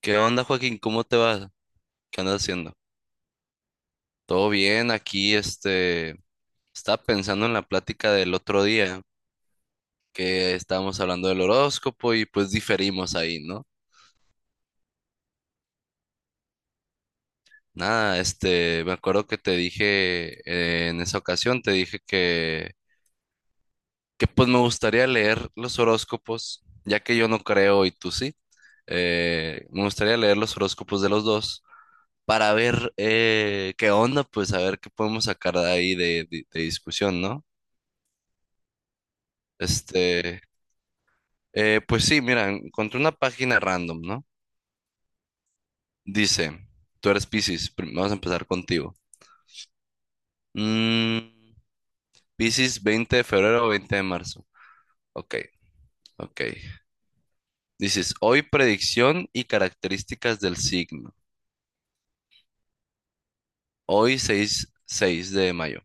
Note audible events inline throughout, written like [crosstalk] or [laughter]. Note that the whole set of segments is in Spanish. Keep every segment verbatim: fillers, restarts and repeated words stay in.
¿Qué onda, Joaquín? ¿Cómo te va? ¿Qué andas haciendo? Todo bien, aquí este, estaba pensando en la plática del otro día que estábamos hablando del horóscopo y pues diferimos ahí, ¿no? Nada, este, me acuerdo que te dije eh, en esa ocasión, te dije que, que pues me gustaría leer los horóscopos, ya que yo no creo y tú sí. Eh, me gustaría leer los horóscopos de los dos para ver eh, qué onda, pues a ver qué podemos sacar de ahí de de- de discusión, ¿no? Este, eh, pues sí, mira, encontré una página random, ¿no? Dice, tú eres Piscis, prim- vamos a empezar contigo. Mm, Piscis, veinte de febrero o veinte de marzo. Ok, ok. Dices, hoy predicción y características del signo. Hoy seis seis de mayo.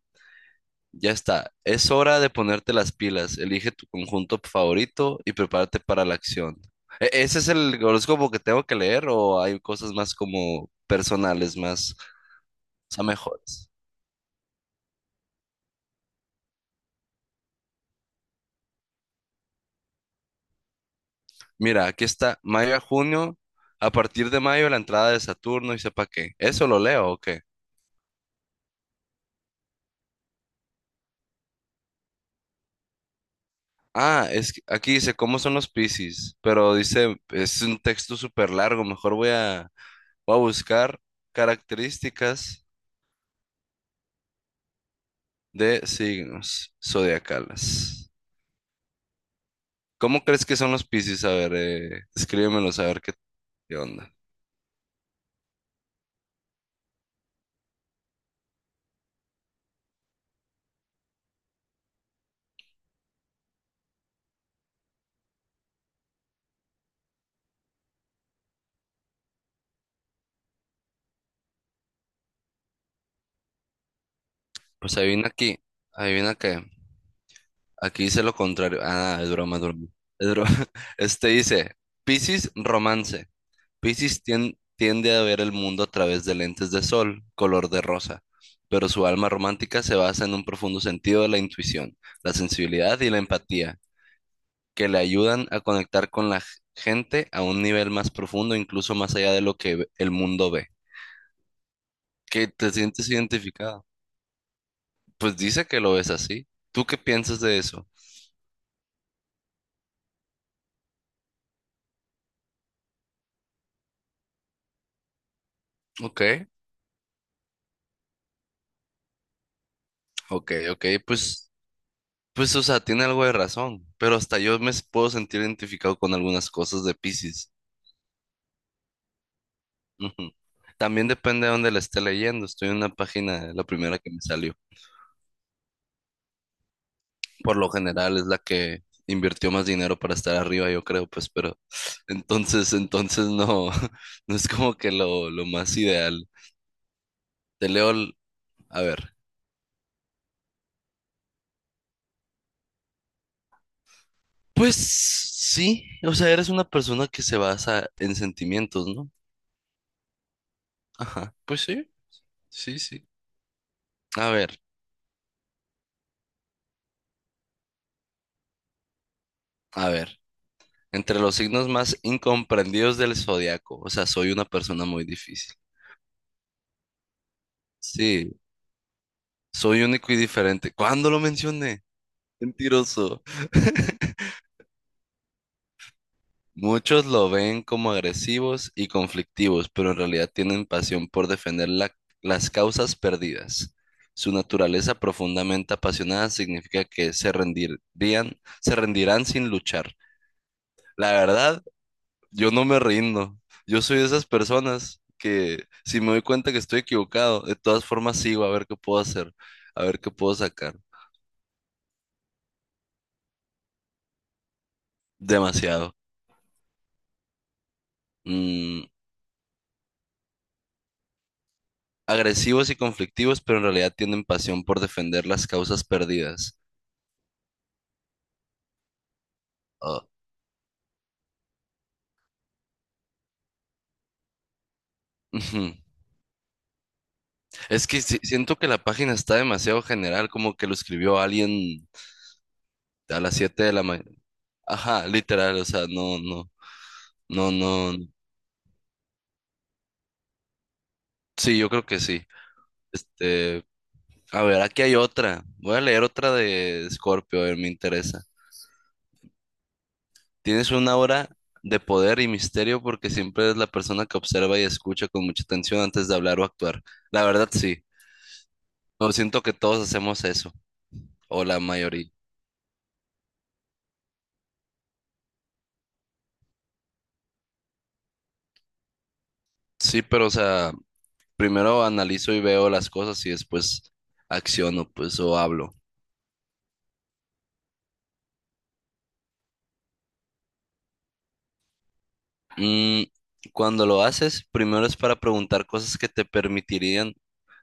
Ya está, es hora de ponerte las pilas. Elige tu conjunto favorito y prepárate para la acción. ¿E- ¿Ese es el horóscopo que tengo que leer o hay cosas más como personales, más... son mejores? Mira, aquí está mayo a junio. A partir de mayo, la entrada de Saturno y sepa qué. ¿Eso lo leo o qué? Ah, es que aquí dice cómo son los Piscis, pero dice, es un texto súper largo. Mejor voy a, voy a buscar características de signos zodiacales. ¿Cómo crees que son los Piscis? A ver, eh, escríbemelos a ver qué, qué onda. Pues adivina aquí, adivina qué. Aquí dice lo contrario. Ah, es broma, es broma. Es broma. [laughs] Este dice, Piscis romance. Piscis tien- tiende a ver el mundo a través de lentes de sol, color de rosa, pero su alma romántica se basa en un profundo sentido de la intuición, la sensibilidad y la empatía, que le ayudan a conectar con la g- gente a un nivel más profundo, incluso más allá de lo que ve- el mundo ve. ¿Qué te sientes identificado? Pues dice que lo ves así. ¿Tú qué piensas de eso? Ok, ok, ok, pues... Pues, o sea, tiene algo de razón, pero hasta yo me s- puedo sentir identificado con algunas cosas de Piscis. Ujú. También depende de dónde la esté leyendo. Estoy en una página, la primera que me salió. Por lo general es la que invirtió más dinero para estar arriba, yo creo, pues, pero [laughs] entonces, entonces no, [laughs] no es como que lo, lo más ideal. Te leo, el- a ver. Pues sí, o sea, eres una persona que se basa en sentimientos, ¿no? Ajá, pues sí, sí, sí. A ver, a ver. Entre los signos más incomprendidos del zodiaco. O sea, soy una persona muy difícil. Sí, soy único y diferente. ¿Cuándo lo mencioné? Mentiroso. [laughs] Muchos lo ven como agresivos y conflictivos, pero en realidad tienen pasión por defender la- las causas perdidas. Su naturaleza profundamente apasionada significa que se rendirían, se rendirán sin luchar. La verdad, yo no me rindo. Yo soy de esas personas que si me doy cuenta que estoy equivocado, de todas formas sigo a ver qué puedo hacer, a ver qué puedo sacar. Demasiado. Mm, agresivos y conflictivos, pero en realidad tienen pasión por defender las causas perdidas. Ah, ujú. Es que si- siento que la página está demasiado general, como que lo escribió alguien a las siete de la mañana. Ajá, literal, o sea, no, no, no, no. Sí, yo creo que sí. Este, a ver, aquí hay otra. Voy a leer otra de Scorpio, a ver, me interesa. Tienes una aura de poder y misterio porque siempre eres la persona que observa y escucha con mucha atención antes de hablar o actuar. La verdad, sí. No siento que todos hacemos eso, o la mayoría. Sí, pero o sea, primero analizo y veo las cosas y después acciono, pues, o hablo. Mm, cuando lo haces, primero es para preguntar cosas que te permitirían,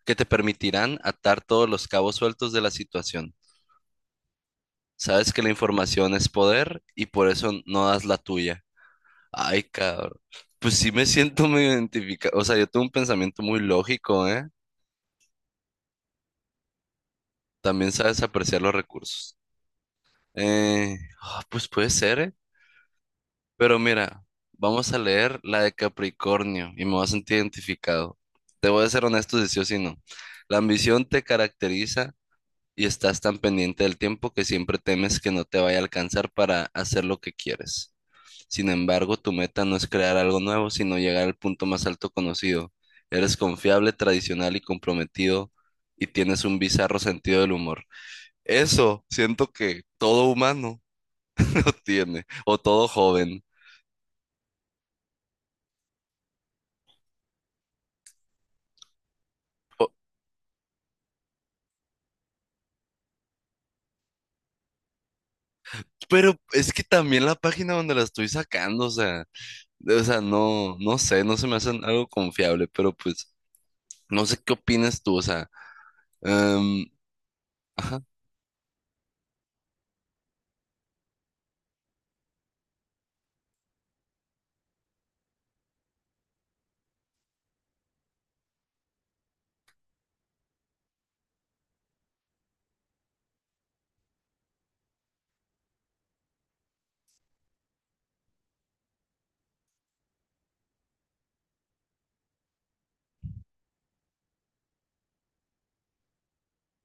que te permitirán atar todos los cabos sueltos de la situación. Sabes que la información es poder y por eso no das la tuya. Ay, cabrón. Pues sí me siento muy identificado. O sea, yo tengo un pensamiento muy lógico, ¿eh? También sabes apreciar los recursos. Eh, ah, pues puede ser, ¿eh? Pero mira, vamos a leer la de Capricornio y me voy a sentir identificado. Te voy a ser honesto si sí o si no. La ambición te caracteriza y estás tan pendiente del tiempo que siempre temes que no te vaya a alcanzar para hacer lo que quieres. Sin embargo, tu meta no es crear algo nuevo, sino llegar al punto más alto conocido. Eres confiable, tradicional y comprometido y tienes un bizarro sentido del humor. Eso siento que todo humano [laughs] lo tiene, o todo joven. O- Pero es que también la página donde la estoy sacando, o sea, o sea, no, no sé, no se me hace algo confiable, pero pues no sé qué opinas tú, o sea, em, ajá,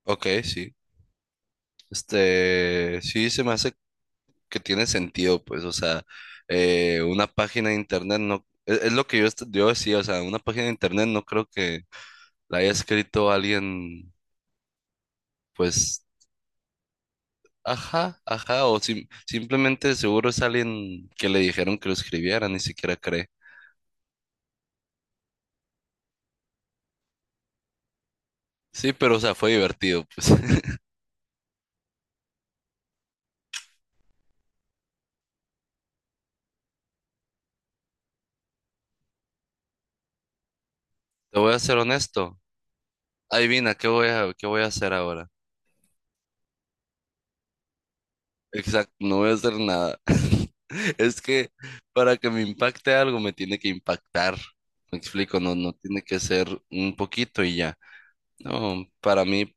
ok, sí. Este, sí, se me hace que tiene sentido, pues, o sea, eh, una página de internet no, es, es lo que yo, est- yo decía, o sea, una página de internet no creo que la haya escrito alguien, pues, ajá, ajá, o sim- simplemente seguro es alguien que le dijeron que lo escribiera, ni siquiera cree. Sí, pero, o sea, fue divertido, pues. [laughs] Te voy a ser honesto. Adivina, ¿qué voy a, ¿qué voy a hacer ahora? Exacto, no voy a hacer nada. [laughs] Es que para que me impacte algo me tiene que impactar. Me explico, no, no tiene que ser un poquito y ya. No, para mí,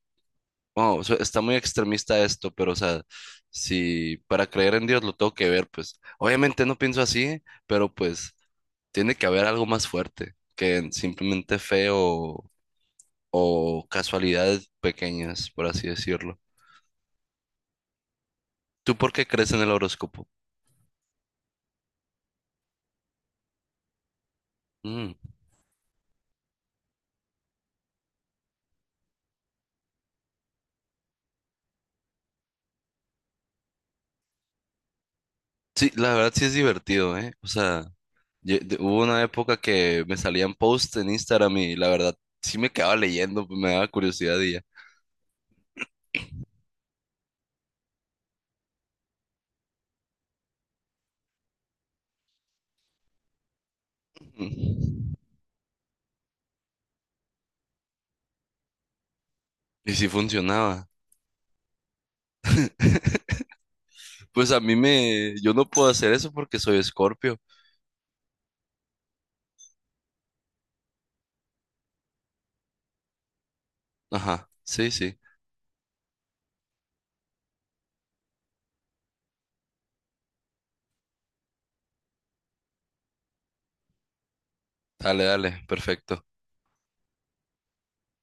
oh, su- está muy extremista esto, pero o sea, si para creer en Dios lo tengo que ver, pues obviamente no pienso así, pero pues tiene que haber algo más fuerte que en simplemente fe o, o casualidades pequeñas, por así decirlo. ¿Tú por qué crees en el horóscopo? Mm. Sí, la verdad sí es divertido, ¿eh? O sea, ye- de- hubo una época que me salían posts en Instagram y la verdad sí me quedaba leyendo, pues me daba curiosidad y ya. Mm. Y sí funcionaba. [laughs] Pues a mí me... Yo no puedo hacer eso porque soy Escorpio. Ajá, sí, sí. Dale, dale, perfecto.